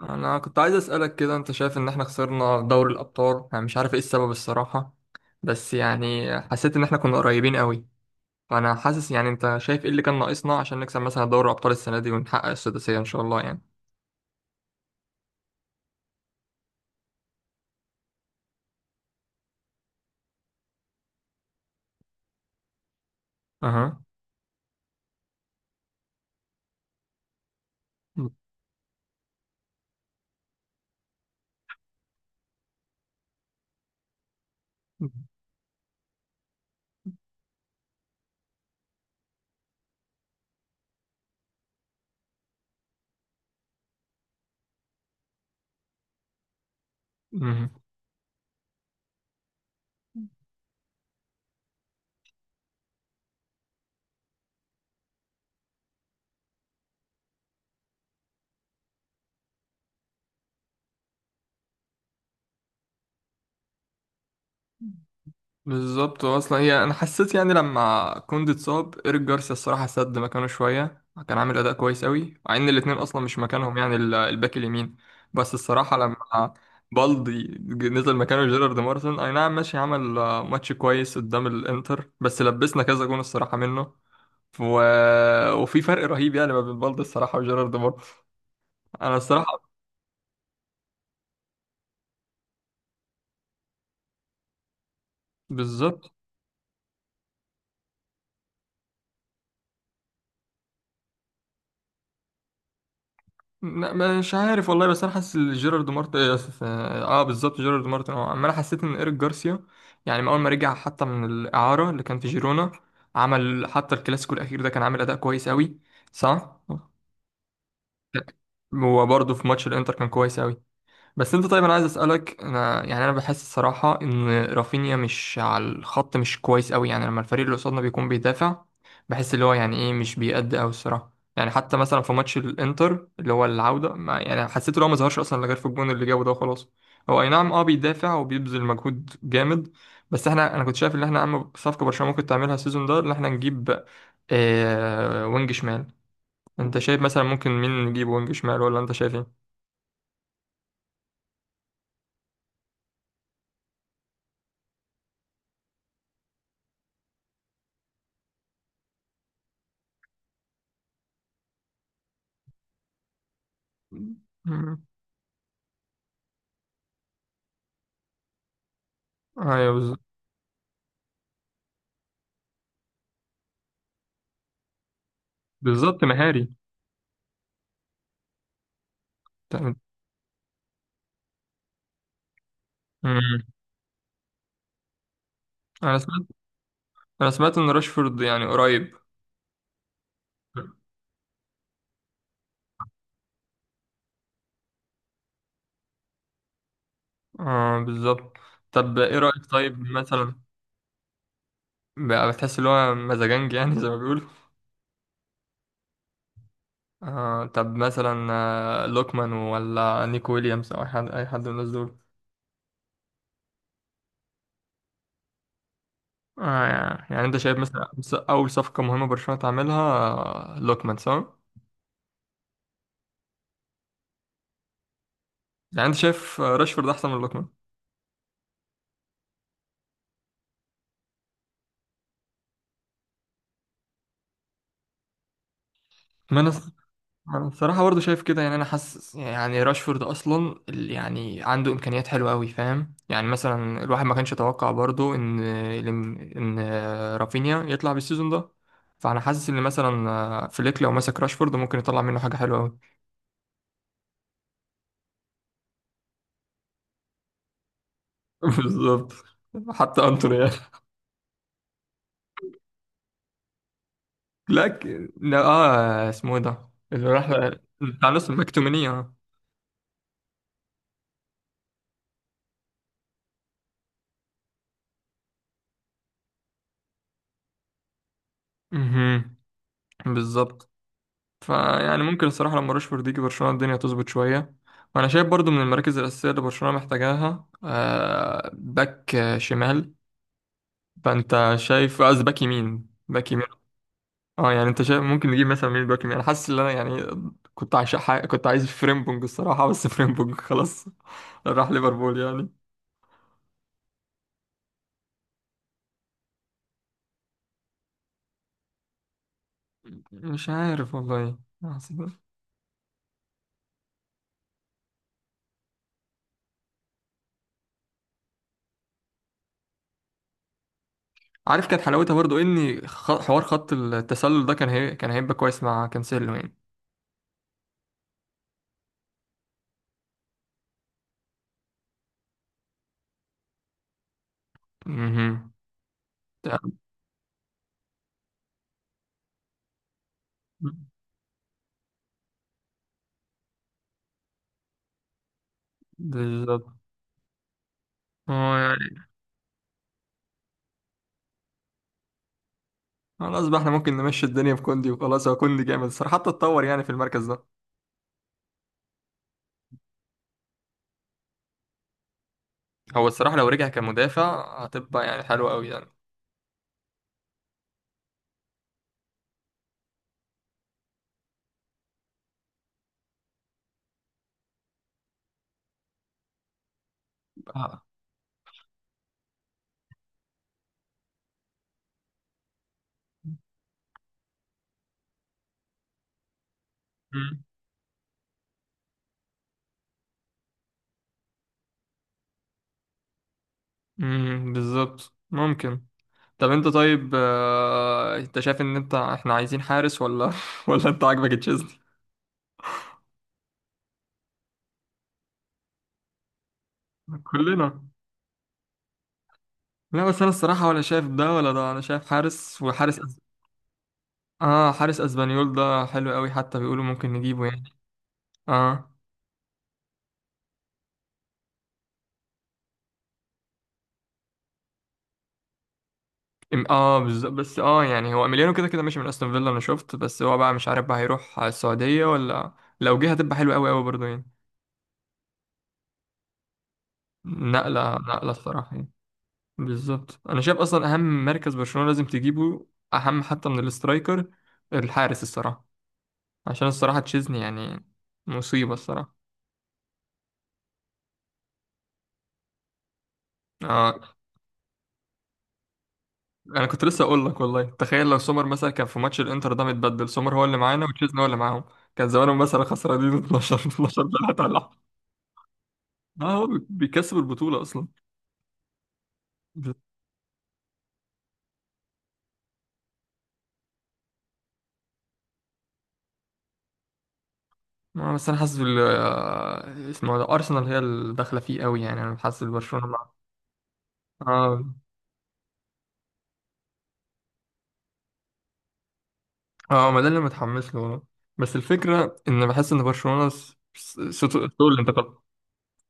انا كنت عايز اسالك كده، انت شايف ان احنا خسرنا دوري الابطال؟ انا مش عارف ايه السبب الصراحه، بس يعني حسيت ان احنا كنا قريبين قوي. فانا حاسس، يعني انت شايف ايه اللي كان ناقصنا عشان نكسب مثلا دوري الابطال السنه دي ونحقق السداسيه ان شاء الله يعني؟ اها. بالظبط، اصلا هي انا حسيت يعني لما كوندي اتصاب، ايريك جارسيا الصراحه سد مكانه شويه، كان عامل اداء كويس قوي، مع ان الاثنين اصلا مش مكانهم يعني الباك اليمين. بس الصراحه لما بالدي نزل مكانه جيرارد مارتن، اي نعم ماشي، عمل ماتش كويس قدام الانتر، بس لبسنا كذا جون الصراحه منه و... وفي فرق رهيب يعني ما بين بالدي الصراحه وجيرارد مارتن. انا الصراحه بالظبط. لا، مش عارف والله، بس انا حاسس إن جيرارد مارتن اه آسف، آه، آه، بالظبط جيرارد مارتن اه، اما انا حسيت ان ايريك جارسيا يعني من اول ما رجع حتى من الاعاره اللي كان في جيرونا، عمل حتى الكلاسيكو الاخير ده، كان عامل اداء كويس قوي. صح. هو برضه في ماتش الانتر كان كويس قوي. بس انت طيب، انا عايز اسالك، انا يعني انا بحس الصراحه ان رافينيا مش على الخط، مش كويس قوي، يعني لما الفريق اللي قصادنا بيكون بيدافع، بحس اللي هو يعني ايه، مش بيأدي قوي الصراحه، يعني حتى مثلا في ماتش الانتر اللي هو العوده، ما يعني حسيت ان هو ما ظهرش اصلا غير في الجون اللي جابه ده وخلاص. هو اي نعم اه، بيدافع وبيبذل مجهود جامد، بس احنا انا كنت شايف ان احنا اهم صفقه برشلونه ممكن تعملها السيزون ده ان احنا نجيب آه وينج شمال. انت شايف مثلا ممكن مين نجيب وينج شمال ولا انت شايف ايه؟ مم. ايوه بالظبط. بالظبط مهاري. تمام. مم. انا سمعت انا سمعت ان راشفورد يعني قريب. اه بالظبط. طب ايه رأيك طيب مثلا؟ بقى بتحس ان هو مزاجنج يعني زي ما بيقولوا؟ آه طب مثلا لوكمان ولا نيكو ويليامز او اي حد، اي حد من الناس دول؟ آه يعني، يعني انت شايف مثلا اول صفقة مهمة برشلونة تعملها لوكمان صح؟ يعني انت شايف راشفورد احسن من لوكمان؟ ما انا، انا بصراحه برضه شايف كده يعني. انا حاسس يعني راشفورد اصلا يعني عنده امكانيات حلوه قوي، فاهم؟ يعني مثلا الواحد ما كانش يتوقع برضه ان، ان رافينيا يطلع بالسيزون ده. فانا حاسس ان مثلا فليك لو مسك راشفورد ممكن يطلع منه حاجه حلوه قوي. بالظبط. حتى انتوني يعني. لا لا اه، اسمه ايه ده اللي راح بتاع نص المكتومينية اه. مهم. بالظبط. فيعني ممكن الصراحة لما راشفورد يجي برشلونة الدنيا تظبط شوية. وأنا شايف برضو من المراكز الأساسية اللي برشلونة محتاجاها باك شمال، فأنت شايف قصدي باك يمين، باك يمين. اه يعني، أنت شايف ممكن نجيب مثلا مين باك يمين؟ أنا حاسس إن أنا يعني كنت كنت عايز فريمبونج الصراحة، بس فريمبونج خلاص راح ليفربول يعني. مش عارف والله عارف كانت حلاوتها برضو إن حوار خط التسلل ده كان هيبقى كويس مع كانسيلو يعني. مهم. بالظبط. هو يعني خلاص بقى احنا ممكن نمشي الدنيا في كوندي وخلاص. هو كوندي جامد الصراحة، حتى اتطور يعني في المركز ده. هو الصراحة لو رجع كمدافع هتبقى يعني حلوة قوي يعني. اه. امم أمم، بالظبط ممكن. طب انت طيب انت شايف ان انت احنا عايزين حارس ولا ولا انت عاجبك تشيزني؟ كلنا. لا بس انا الصراحة ولا شايف ده ولا ده، انا شايف حارس، اه حارس اسبانيول ده حلو قوي، حتى بيقولوا ممكن نجيبه يعني. اه. اه بالظبط، بس اه يعني هو اميليانو كده كده ماشي من استون فيلا انا شفت، بس هو بقى مش عارف بقى هيروح على السعودية ولا، لو جه هتبقى حلوة قوي قوي برضه يعني. نقلة، نقلة الصراحة يعني. بالظبط، انا شايف اصلا اهم مركز برشلونة لازم تجيبه، اهم حتى من الاسترايكر، الحارس الصراحة، عشان الصراحة تشيزني يعني مصيبة الصراحة. اه انا كنت لسه اقول لك والله، تخيل لو سومر مثلا كان في ماتش الانتر ده متبدل، سومر هو اللي معانا وتشيزني هو اللي معاهم، كان زمانهم مثلا خسرانين 12 12 3 ولا حاجة. اه هو بيكسب البطولة أصلا. بت- بس انا حاسس بال اسمه ده ارسنال هي اللي داخله فيه قوي، يعني انا حاسس برشلونه مع، اه. اه ما ده اللي متحمس له، بس الفكره ان بحس ان برشلونه سوق الانتقالات.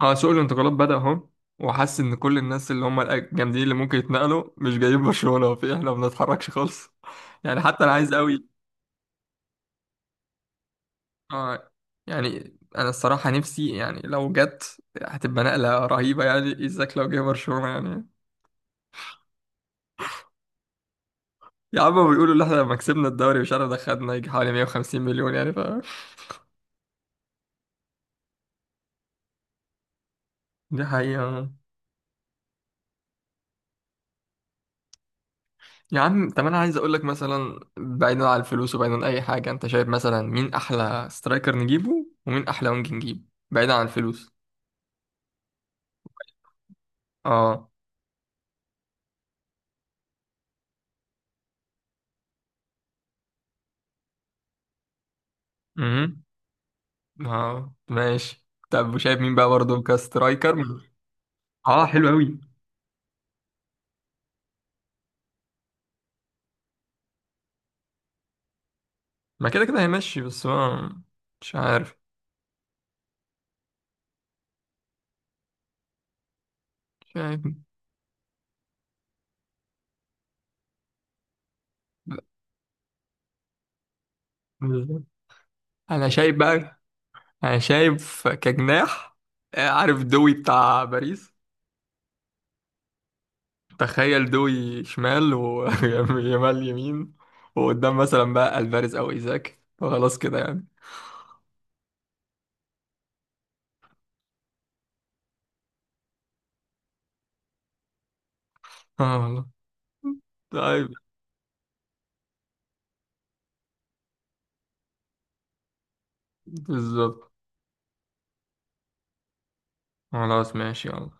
اه سوق الانتقالات بدأ اهو، وحاسس ان كل الناس اللي هم الجامدين اللي ممكن يتنقلوا مش جايين برشلونه، وفي احنا ما بنتحركش خالص يعني، حتى انا عايز قوي اه يعني. انا الصراحه نفسي يعني لو جت هتبقى نقله رهيبه يعني، ازاك لو جه برشلونه يعني. يا عم بيقولوا ان احنا لما كسبنا الدوري مش عارف دخلنا يجي حوالي 150 مليون يعني، ف دي حقيقة. يا عم طب انا عايز اقول لك، مثلا بعيدا عن الفلوس وبعيدا عن اي حاجة، انت شايف مثلا مين احلى سترايكر نجيبه ومين احلى وينج نجيبه، بعيدا عن الفلوس؟ اه. امم. اه ماشي. طب وشايف مين بقى برضه اه حلو قوي. ما كده كده هيمشي بس هو، مش عارف. شايف، انا شايف بقى، انا شايف كجناح عارف دوي بتاع باريس؟ تخيل دوي شمال، ويمال يمين، وقدام مثلا بقى الفاريز او ايزاك وخلاص كده يعني. اه والله. طيب. بالظبط. خلاص ماشي يلا.